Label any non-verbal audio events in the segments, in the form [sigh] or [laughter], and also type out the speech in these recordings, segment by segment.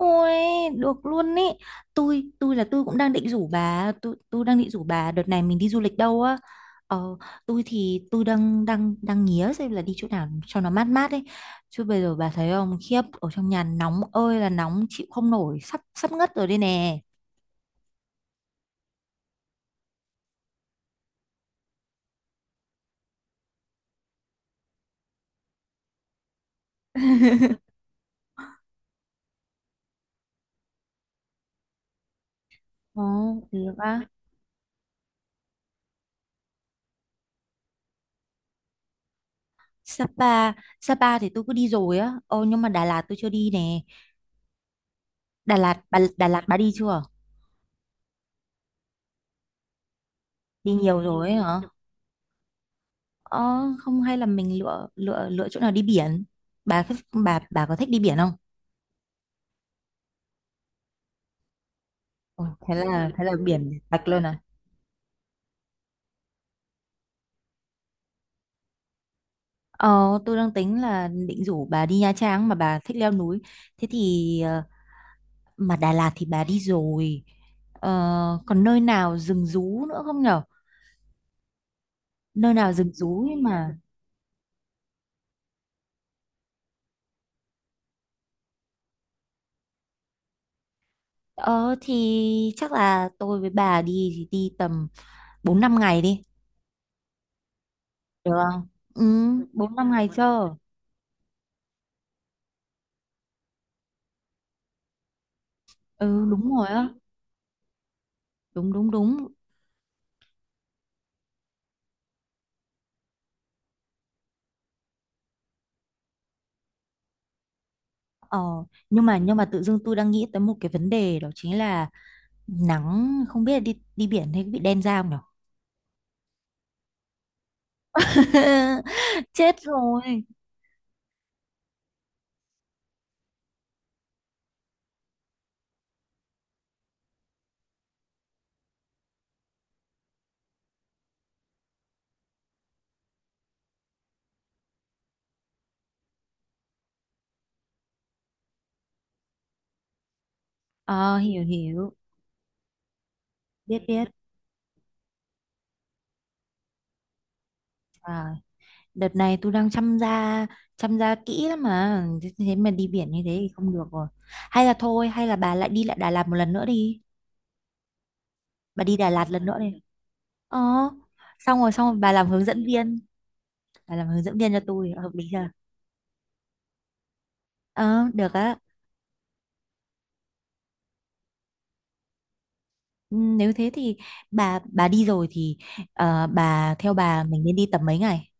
Ôi, được luôn ý. Tôi cũng đang định rủ bà, tôi đang định rủ bà đợt này mình đi du lịch đâu á. Ờ, tôi thì tôi đang đang đang nghía xem là đi chỗ nào cho nó mát mát ấy. Chứ bây giờ bà thấy không, khiếp ở trong nhà nóng ơi là nóng chịu không nổi, sắp sắp ngất rồi đây nè. [laughs] Ồ, được á. Sapa, Sapa thì tôi cứ đi rồi á. Ồ nhưng mà Đà Lạt tôi chưa đi nè. Đà Lạt bà đi chưa? Đi nhiều rồi ấy hả? Ờ, không hay là mình lựa lựa lựa chỗ nào đi biển bà thích- bà có thích đi biển không? Ôi, thế là biển Bạch luôn à? ờ tôi đang tính là định rủ bà đi Nha Trang mà bà thích leo núi, thế thì mà Đà Lạt thì bà đi rồi, ờ, còn nơi nào rừng rú nữa không nhở? Nơi nào rừng rú nhưng mà ờ thì chắc là tôi với bà đi thì đi tầm bốn năm ngày đi được không? ừ Bốn năm ngày chưa? Ừ, đúng rồi á, đúng đúng đúng. Ờ, nhưng mà tự dưng tôi đang nghĩ tới một cái vấn đề đó chính là nắng, không biết là đi đi biển thì có bị đen da không nhở? [laughs] Chết rồi. Ờ, hiểu hiểu, biết biết. À, đợt này tôi đang chăm da kỹ lắm mà, thế thế mà đi biển như thế thì không được rồi. Hay là thôi, hay là bà lại đi lại Đà Lạt một lần nữa đi. Bà đi Đà Lạt lần nữa đi. Ờ, xong rồi, bà làm hướng dẫn viên, bà làm hướng dẫn viên cho tôi, hợp lý chưa? Ờ, được á. Ừ, nếu thế thì bà đi rồi thì bà theo bà mình nên đi tầm mấy ngày?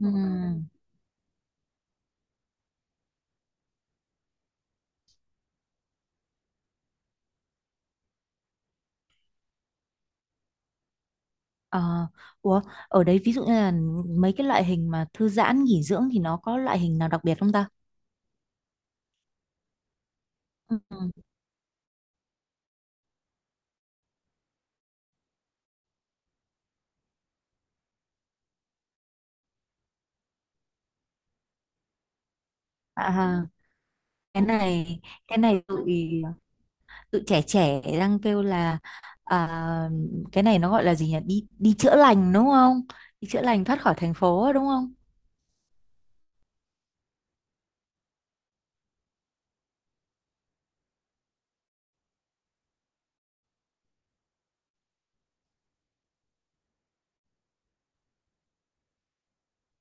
Ừ, ờ, ủa ở đấy ví dụ như là mấy cái loại hình mà thư giãn nghỉ dưỡng thì nó có loại hình nào đặc biệt không ta? Ừm, À, cái này cái này tụi tụi trẻ trẻ đang kêu là à, cái này nó gọi là gì nhỉ? Đi đi chữa lành đúng không? Đi chữa lành thoát khỏi thành phố đúng không?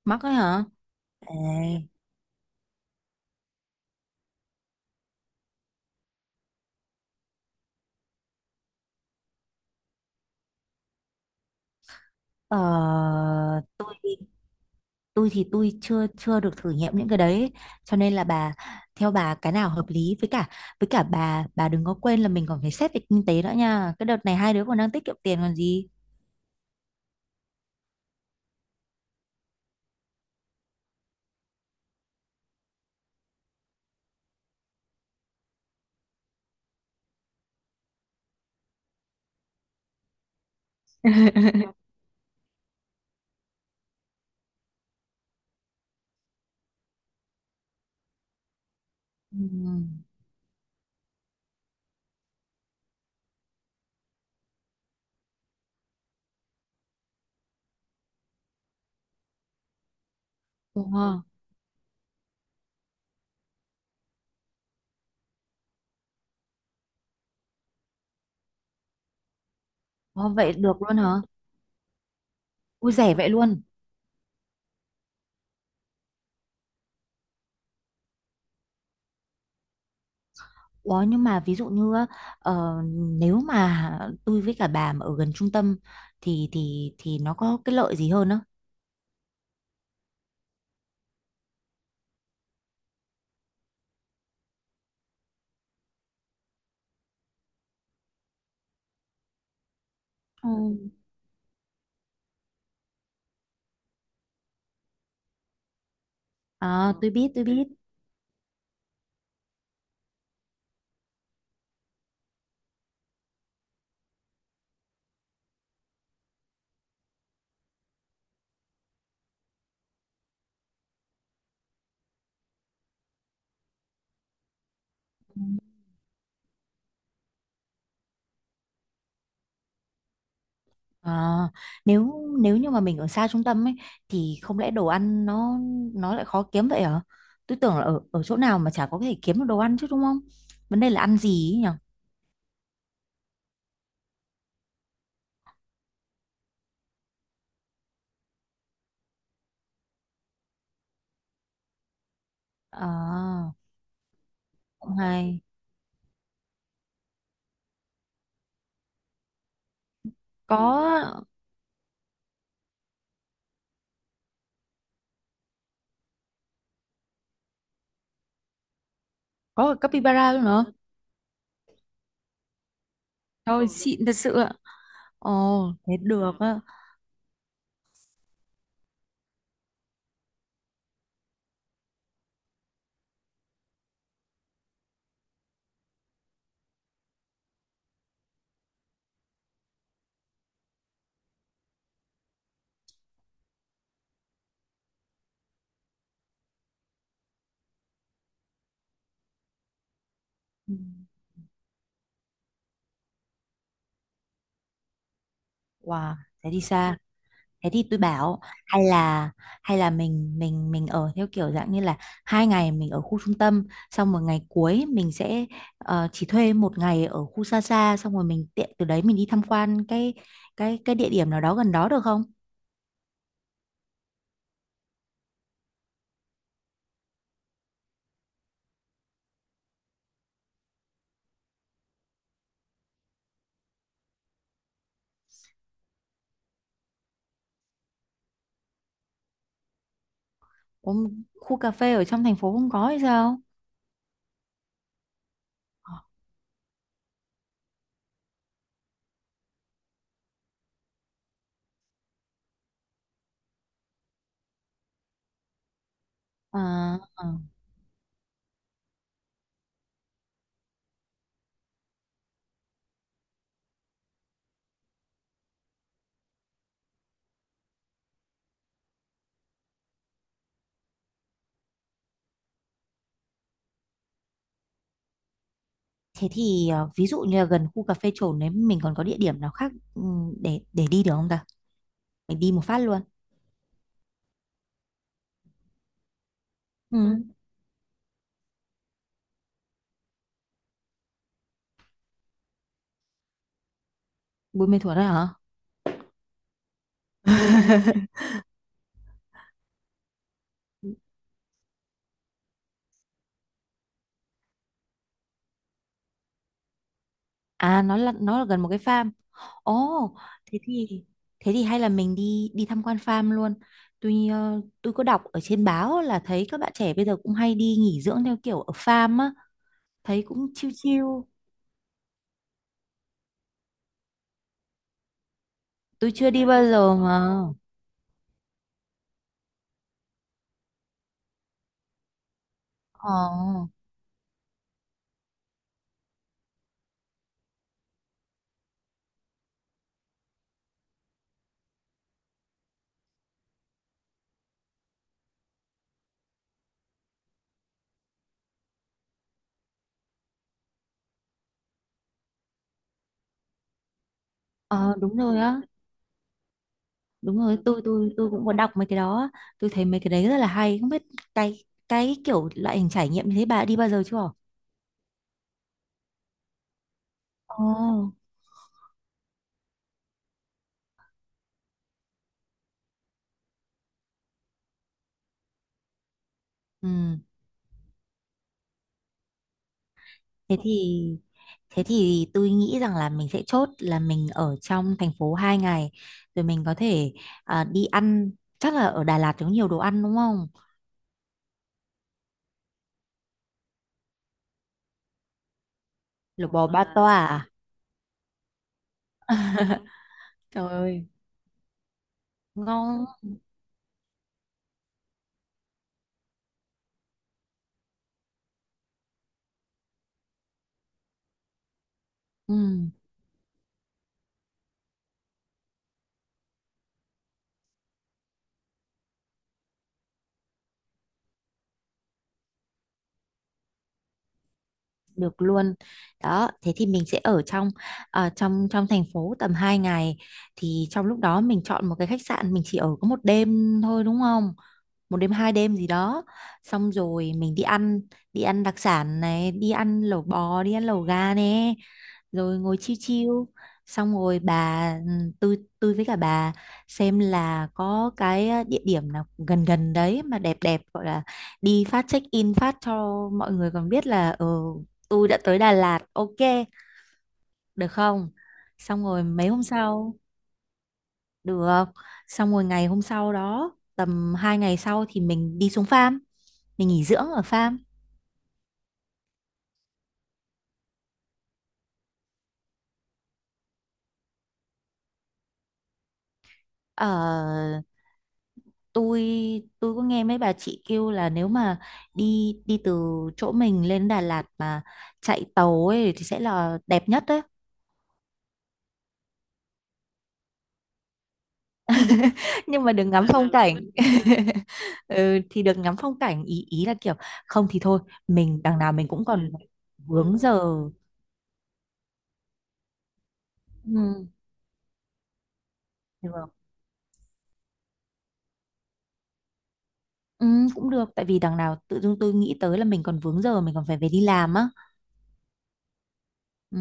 Mắc ấy hả? Ê, ờ, tôi thì tôi chưa chưa được thử nghiệm những cái đấy ấy. Cho nên là bà theo bà cái nào hợp lý với cả, với cả bà đừng có quên là mình còn phải xét về kinh tế nữa nha, cái đợt này hai đứa còn đang tiết kiệm tiền còn gì. Ừ. Ồ, ồ, vậy được luôn hả? Ui rẻ vậy luôn! Ủa nhưng mà ví dụ như á, ờ, nếu mà tôi với cả bà mà ở gần trung tâm thì nó có cái lợi gì hơn á? Ừ, à, tôi biết. Ờ, nếu nếu như mà mình ở xa trung tâm ấy thì không lẽ đồ ăn nó lại khó kiếm vậy hả? Tôi tưởng là ở ở chỗ nào mà chả có thể kiếm được đồ ăn chứ đúng không? Vấn đề là ăn gì ấy nhỉ? À, cũng hay. Có có cả capybara luôn nữa. Thôi xịn thật sự ạ. Ồ, thế được á. Ừ. Wow, thế đi xa. Thế thì tôi bảo hay là, mình ở theo kiểu dạng như là hai ngày mình ở khu trung tâm, xong một ngày cuối mình sẽ chỉ thuê một ngày ở khu xa xa, xong rồi mình tiện từ đấy mình đi tham quan cái địa điểm nào đó gần đó được không? Có một khu cà phê ở trong thành phố không có hay sao? Ờ, ờ. Thế thì ví dụ như là gần khu cà phê Trồn đấy mình còn có địa điểm nào khác để đi được không ta? Mình đi một phát luôn. Ừ. Buôn Mê Thuột đấy hả? À, nó là gần một cái farm. Ồ, thế thì, hay là mình đi đi tham quan farm luôn. Tuy ờ, tôi có đọc ở trên báo là thấy các bạn trẻ bây giờ cũng hay đi nghỉ dưỡng theo kiểu ở farm á, thấy cũng chill chill. Tôi chưa đi bao giờ mà. Ờ, ờ đúng rồi á, đúng rồi. Tôi cũng có đọc mấy cái đó á. Tôi thấy mấy cái đấy rất là hay. Không biết cái, kiểu loại hình trải nghiệm như thế bà đã đi bao giờ chưa? Ồ. Ừ. Thế thì, tôi nghĩ rằng là mình sẽ chốt là mình ở trong thành phố 2 ngày, rồi mình có thể à, đi ăn, chắc là ở Đà Lạt có nhiều đồ ăn đúng không? Lẩu bò ba À, toa à? Trời ơi. Ngon. Ừ, được luôn. Đó, thế thì mình sẽ ở trong trong trong thành phố tầm 2 ngày, thì trong lúc đó mình chọn một cái khách sạn mình chỉ ở có một đêm thôi đúng không, một đêm hai đêm gì đó, xong rồi mình đi ăn, đi ăn đặc sản này, đi ăn lẩu bò, đi ăn lẩu gà nè, rồi ngồi chiêu chiêu, xong rồi bà tôi, với cả bà xem là có cái ờ, địa điểm nào gần gần đấy mà đẹp đẹp gọi là đi phát check in phát cho mọi người còn biết là ừ, tôi đã tới Đà Lạt, ok được không? Xong rồi mấy hôm sau được. Xong rồi ngày hôm sau đó, tầm 2 ngày sau thì mình đi xuống farm. Mình nghỉ dưỡng ở farm. Ờ, tôi tôi có nghe mấy bà chị kêu là nếu mà đi đi từ chỗ mình lên Đà Lạt mà chạy tàu ấy thì sẽ là đẹp nhất đấy. [laughs] Nhưng mà đừng ngắm phong cảnh. [laughs] Ừ, thì được ngắm phong cảnh ý, ý là kiểu không thì thôi, mình đằng nào mình cũng còn vướng giờ. Ừ. Được. Ừ, cũng được tại vì đằng nào tự dưng tôi nghĩ tới là mình còn vướng giờ, mình còn phải về đi làm á. Ừ,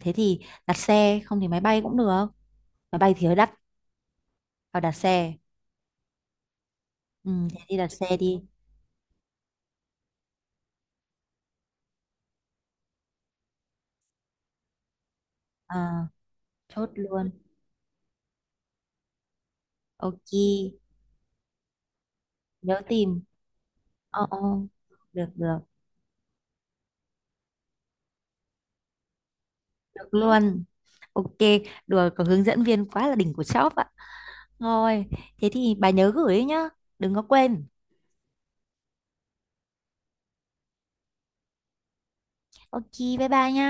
thế thì đặt xe không thì máy bay cũng được, máy bay thì hơi đắt, vào đặt xe. Ừ, thế thì đặt xe đi. À, chốt luôn. Ok, nhớ tìm ờ ờ, được, được được luôn. Ok. Được có hướng dẫn viên quá là đỉnh của shop ạ. Rồi, thế thì bà nhớ gửi ấy nhá, đừng có quên. Ok, bye bye nhá.